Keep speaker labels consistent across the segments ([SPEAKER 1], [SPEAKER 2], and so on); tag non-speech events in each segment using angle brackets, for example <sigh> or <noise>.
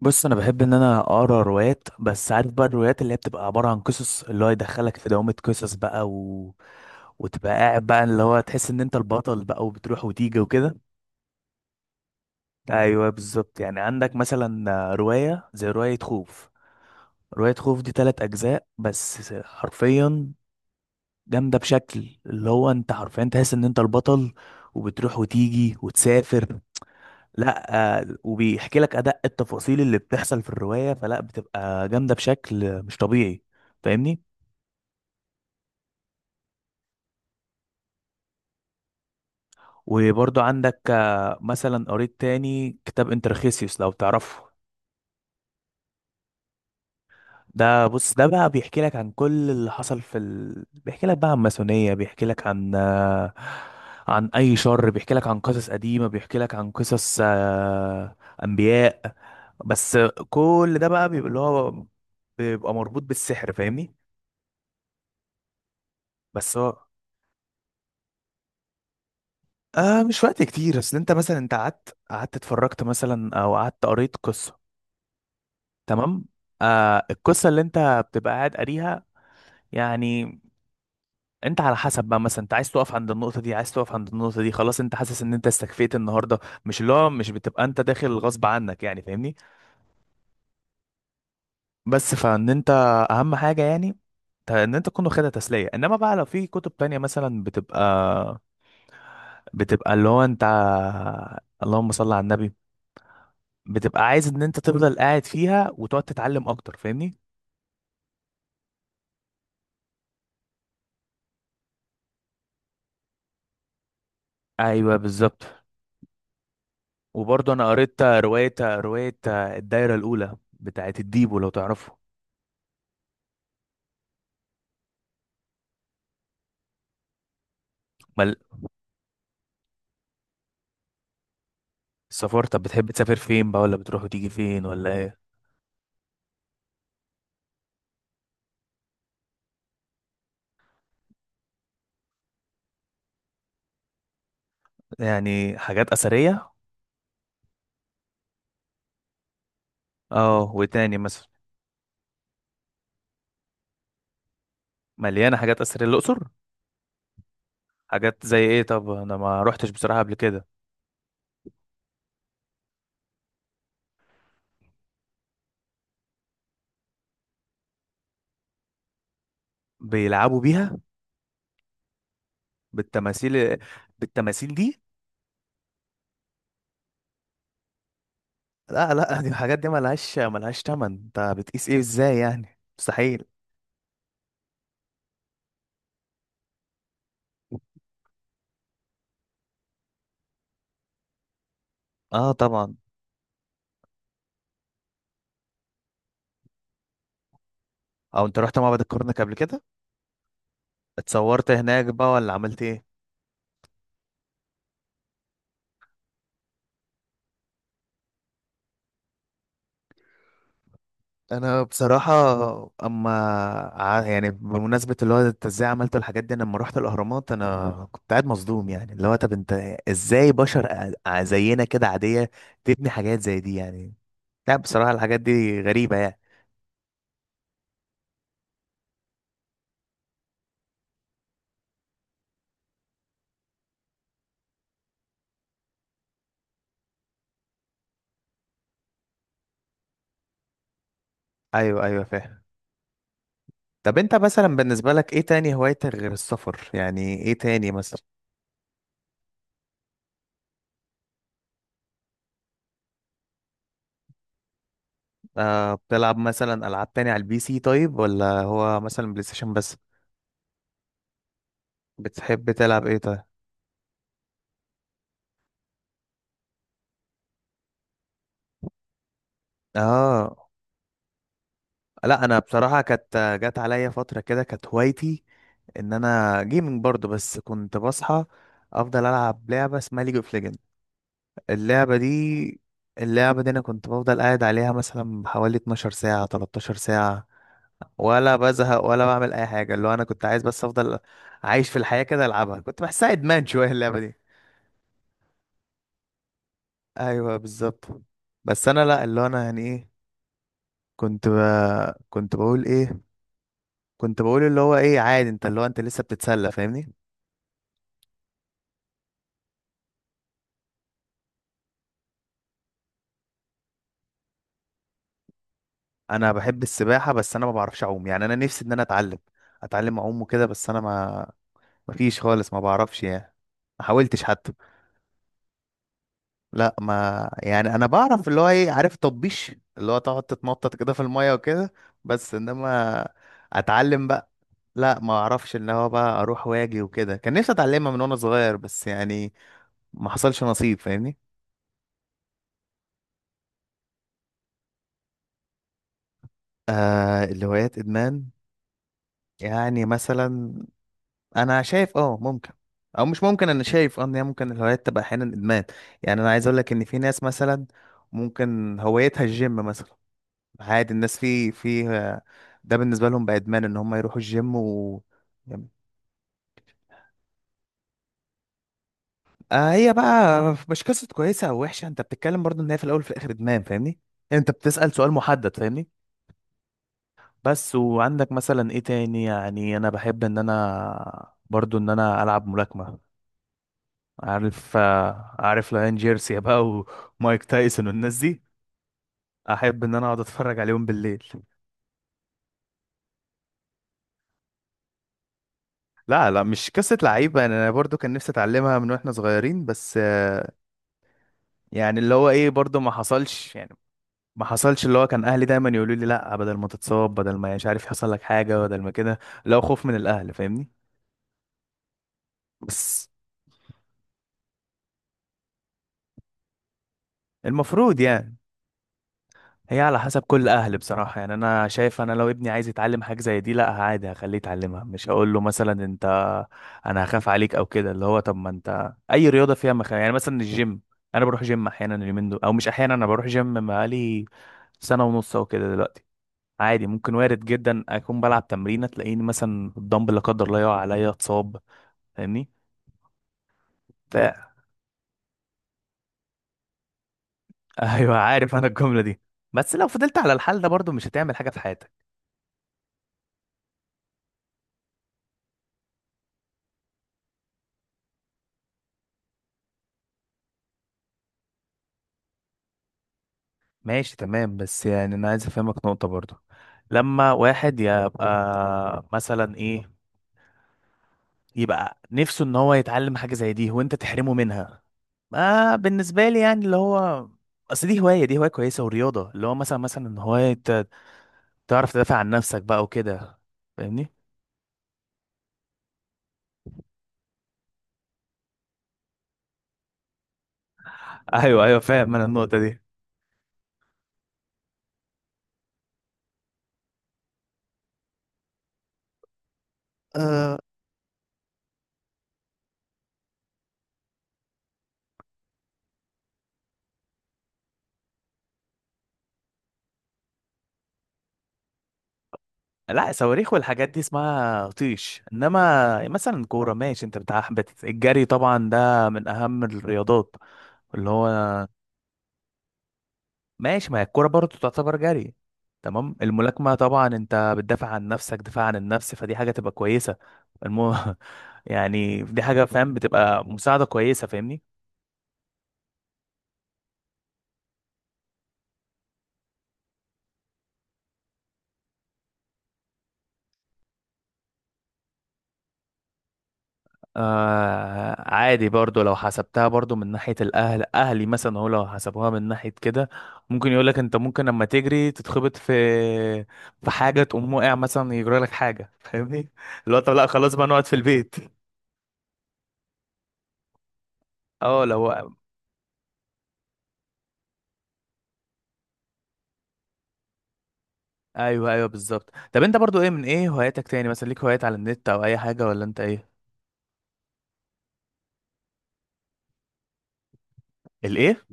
[SPEAKER 1] بص، انا بحب ان انا اقرا روايات. بس عارف بقى، الروايات اللي هي بتبقى عباره عن قصص، اللي هو يدخلك في دوامه قصص بقى، وتبقى قاعد بقى، اللي هو تحس ان انت البطل بقى، وبتروح وتيجي وكده. ايوه بالظبط، يعني عندك مثلا روايه زي روايه خوف. روايه خوف دي تلات اجزاء بس، حرفيا جامده بشكل، اللي هو انت حرفيا تحس ان انت البطل وبتروح وتيجي وتسافر. لا. وبيحكي لك ادق التفاصيل اللي بتحصل في الروايه، فلا بتبقى جامده بشكل مش طبيعي. فاهمني؟ وبرضو عندك، مثلا قريت تاني كتاب انترخيسيوس، لو تعرفه. ده، بص، ده بقى بيحكي لك عن كل اللي حصل بيحكي لك بقى عن ماسونيه، بيحكي لك عن عن اي شر، بيحكي لك عن قصص قديمه، بيحكي لك عن قصص، انبياء بس. كل ده بقى بيبقى اللي هو بيبقى مربوط بالسحر. فاهمني؟ بس هو، مش وقت كتير. اصل انت مثلا انت قعدت اتفرجت مثلا، او قعدت قريت قصة، تمام. القصة اللي انت بتبقى قاعد قاريها يعني، انت على حسب بقى. مثلا انت عايز تقف عند النقطة دي، عايز تقف عند النقطة دي، خلاص انت حاسس ان انت استكفيت النهاردة. مش اللي هو مش بتبقى انت داخل غصب عنك يعني، فاهمني؟ بس فان انت، اهم حاجة يعني، ان انت تكون واخدها تسلية. انما بقى لو في كتب تانية مثلا، بتبقى اللي هو انت، اللهم صل على النبي، بتبقى عايز ان انت تفضل قاعد فيها وتقعد تتعلم اكتر. فاهمني؟ ايوه بالظبط. وبرضه انا قريت روايه الدايره الاولى بتاعت الديبو، لو تعرفه. مال. السفر، طب بتحب تسافر فين بقى؟ ولا بتروح وتيجي فين؟ ولا ايه؟ يعني حاجات اثريه. اه، وتاني مثلا؟ مليانه حاجات اثريه الاقصر؟ حاجات زي ايه؟ طب انا ما روحتش بصراحه قبل كده. بيلعبوا بيها؟ بالتماثيل؟ بالتماثيل دي؟ لا لا، دي الحاجات دي ملهاش، ملهاش تمن. انت بتقيس ايه ازاي يعني؟ مستحيل. اه طبعا. او انت رحت معبد الكرنك قبل كده؟ اتصورت هناك بقى، ولا عملت ايه؟ انا بصراحة، اما، يعني بمناسبة اللي هو انت ازاي عملت الحاجات دي، أنا لما رحت الاهرامات انا كنت قاعد مصدوم. يعني اللي هو طب انت ازاي بشر زينا كده عادية تبني حاجات زي دي يعني؟ لا بصراحة الحاجات دي غريبة يعني. ايوه ايوه فاهم. طب انت مثلا بالنسبة لك ايه تاني هوايتك غير السفر؟ يعني ايه تاني مثلا؟ بتلعب مثلا العاب تاني على البي سي طيب، ولا هو مثلا بلاي ستيشن بس؟ بتحب تلعب ايه طيب؟ اه. لا، انا بصراحه كانت جت عليا فتره كده كانت هوايتي ان جيمنج برضو. بس كنت بصحى افضل العب لعبه اسمها ليج اوف ليجند. اللعبه دي، اللعبه دي انا كنت بفضل قاعد عليها مثلا حوالي 12 ساعه، 13 ساعه، ولا بزهق ولا بعمل اي حاجه. اللي هو انا كنت عايز بس افضل عايش في الحياه كده العبها. كنت بحسها ادمان شويه اللعبه دي. ايوه بالظبط. بس انا، لا، اللي هو انا يعني ايه، كنت ب... كنت بقول ايه، كنت بقول اللي هو ايه، عادي انت اللي هو <laughs> انت لسه بتتسلى. فاهمني؟ انا بحب السباحه بس انا ما بعرفش اعوم. يعني انا نفسي ان انا اتعلم، اتعلم اعوم وكده. بس انا ما، ما فيش خالص، ما بعرفش يعني. ما حاولتش حتى. لا ما، يعني انا بعرف اللي هو ايه، عارف تطبيش، اللي هو تقعد تتنطط كده في الميه وكده. بس انما اتعلم بقى، لا، ما اعرفش ان هو بقى اروح واجي وكده. كان نفسي اتعلمها من وانا صغير، بس يعني ما حصلش نصيب. فاهمني؟ الهوايات ادمان؟ يعني مثلا، انا شايف اه ممكن. او مش ممكن، انا شايف اه ان هي ممكن الهوايات تبقى احيانا ادمان. يعني انا عايز اقول لك ان في ناس مثلا ممكن هوايتها الجيم مثلا. عادي. الناس في في، ده بالنسبه لهم بقى ادمان ان هم يروحوا الجيم، و، يعني- هي بقى مش قصه كويسه او وحشه، انت بتتكلم برضو ان هي في الاول وفي الاخر ادمان. فاهمني؟ يعني انت بتسال سؤال محدد. فاهمني؟ بس وعندك مثلا ايه تاني. يعني انا بحب ان انا برضو ان انا العب ملاكمه. عارف عارف ليان جيرسي بقى، ومايك تايسون والناس دي، احب ان انا اقعد اتفرج عليهم بالليل. لا لا، مش قصة لعيبة. انا برضو كان نفسي اتعلمها من واحنا صغيرين، بس يعني اللي هو ايه، برضو ما حصلش يعني. ما حصلش. اللي هو كان اهلي دايما يقولوا لي لا، بدل ما تتصاب، بدل ما مش عارف يحصل لك حاجة، بدل ما كده. لو خوف من الاهل. فاهمني؟ بس المفروض يعني. هي على حسب كل اهل بصراحه. يعني انا شايف، انا لو ابني عايز يتعلم حاجه زي دي، لا عادي هخليه يتعلمها. مش هقول له مثلا انت، انا هخاف عليك او كده. اللي هو طب ما انت اي رياضه فيها مخاوف يعني. مثلا الجيم، انا بروح جيم احيانا اليومين دول، او مش احيانا، انا بروح جيم بقالي سنه ونص او كده دلوقتي. عادي، ممكن وارد جدا اكون بلعب تمرينه تلاقيني مثلا الدمبل لا قدر الله يقع عليا، اتصاب. فاهمني؟ ف <laughs> ايوه عارف انا الجمله دي. بس لو فضلت على الحال ده برضو مش هتعمل حاجه في حياتك. ماشي تمام. بس يعني انا عايز افهمك نقطة برضه. لما واحد يبقى مثلا ايه، يبقى نفسه ان هو يتعلم حاجة زي دي، وانت تحرمه منها؟ ما بالنسبة لي يعني اللي هو، اصل دي هواية، دي هواية كويسة ورياضة. اللي هو مثلا، هواية تعرف تدافع عن نفسك بقى وكده. فاهمني؟ <laughs> ايوه ايوه فاهم انا النقطة دي. أه. لا صواريخ والحاجات دي اسمها طيش. انما مثلا كورة ماشي. انت بتاع الجري، طبعا ده من اهم الرياضات. اللي هو ماشي. ما هي الكوره برضه تعتبر جري. تمام. الملاكمه طبعا انت بتدافع عن نفسك، دفاع عن النفس، فدي حاجه تبقى كويسه. المو... <laughs> يعني دي حاجه، فاهم، بتبقى مساعده كويسه. فاهمني؟ عادي برضو. لو حسبتها برضو من ناحيه الاهل، اهلي مثلا هو لو حسبوها من ناحيه كده، ممكن يقول لك انت ممكن لما تجري تتخبط في، في حاجه تقوم واقع مثلا، يجرى لك حاجه. فاهمني؟ اللي هو طب لا خلاص بقى نقعد في البيت. اه لو. ايوه ايوه بالظبط. طب انت برضو ايه من ايه هواياتك تاني مثلا؟ ليك هوايات على النت او اي حاجه، ولا انت ايه؟ الايه؟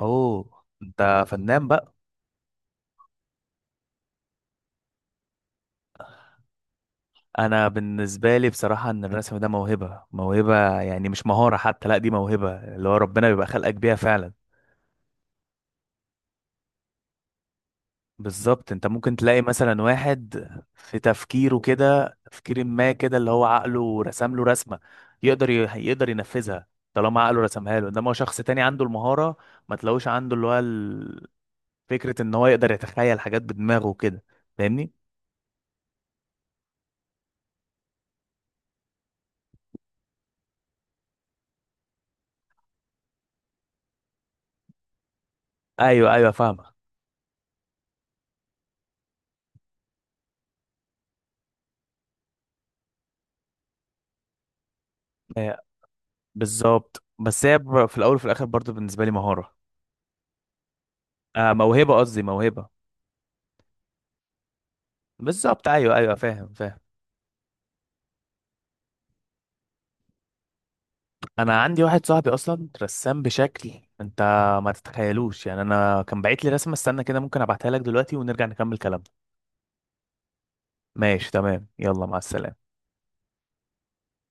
[SPEAKER 1] اوه، انت فنان بقى. انا بالنسبه لي بصراحه ان الرسم ده موهبه. موهبه يعني مش مهاره حتى، لا دي موهبه اللي هو ربنا بيبقى خلقك بيها فعلا. بالظبط. انت ممكن تلاقي مثلا واحد في تفكيره كده، تفكير ما كده، اللي هو عقله رسم له رسمه، يقدر يقدر ينفذها، طالما عقله رسمها له. انما هو شخص تاني عنده المهاره، ما تلاقوش عنده اللي هو فكرة ان هو يقدر يتخيل حاجات بدماغه وكده. فاهمني؟ ايوه ايوه فاهمة. آه، بالظبط، بس هي في الاول وفي الاخر برضو بالنسبة لي مهارة. موهبة، قصدي موهبة. بالظبط ايوه ايوه فاهم فاهم. انا عندي واحد صاحبي اصلا رسام بشكل، انت ما تتخيلوش يعني. انا كان باعت لي رسمة، استنى كده ممكن ابعتها لك دلوقتي ونرجع نكمل كلامنا. ماشي تمام، يلا مع السلامة.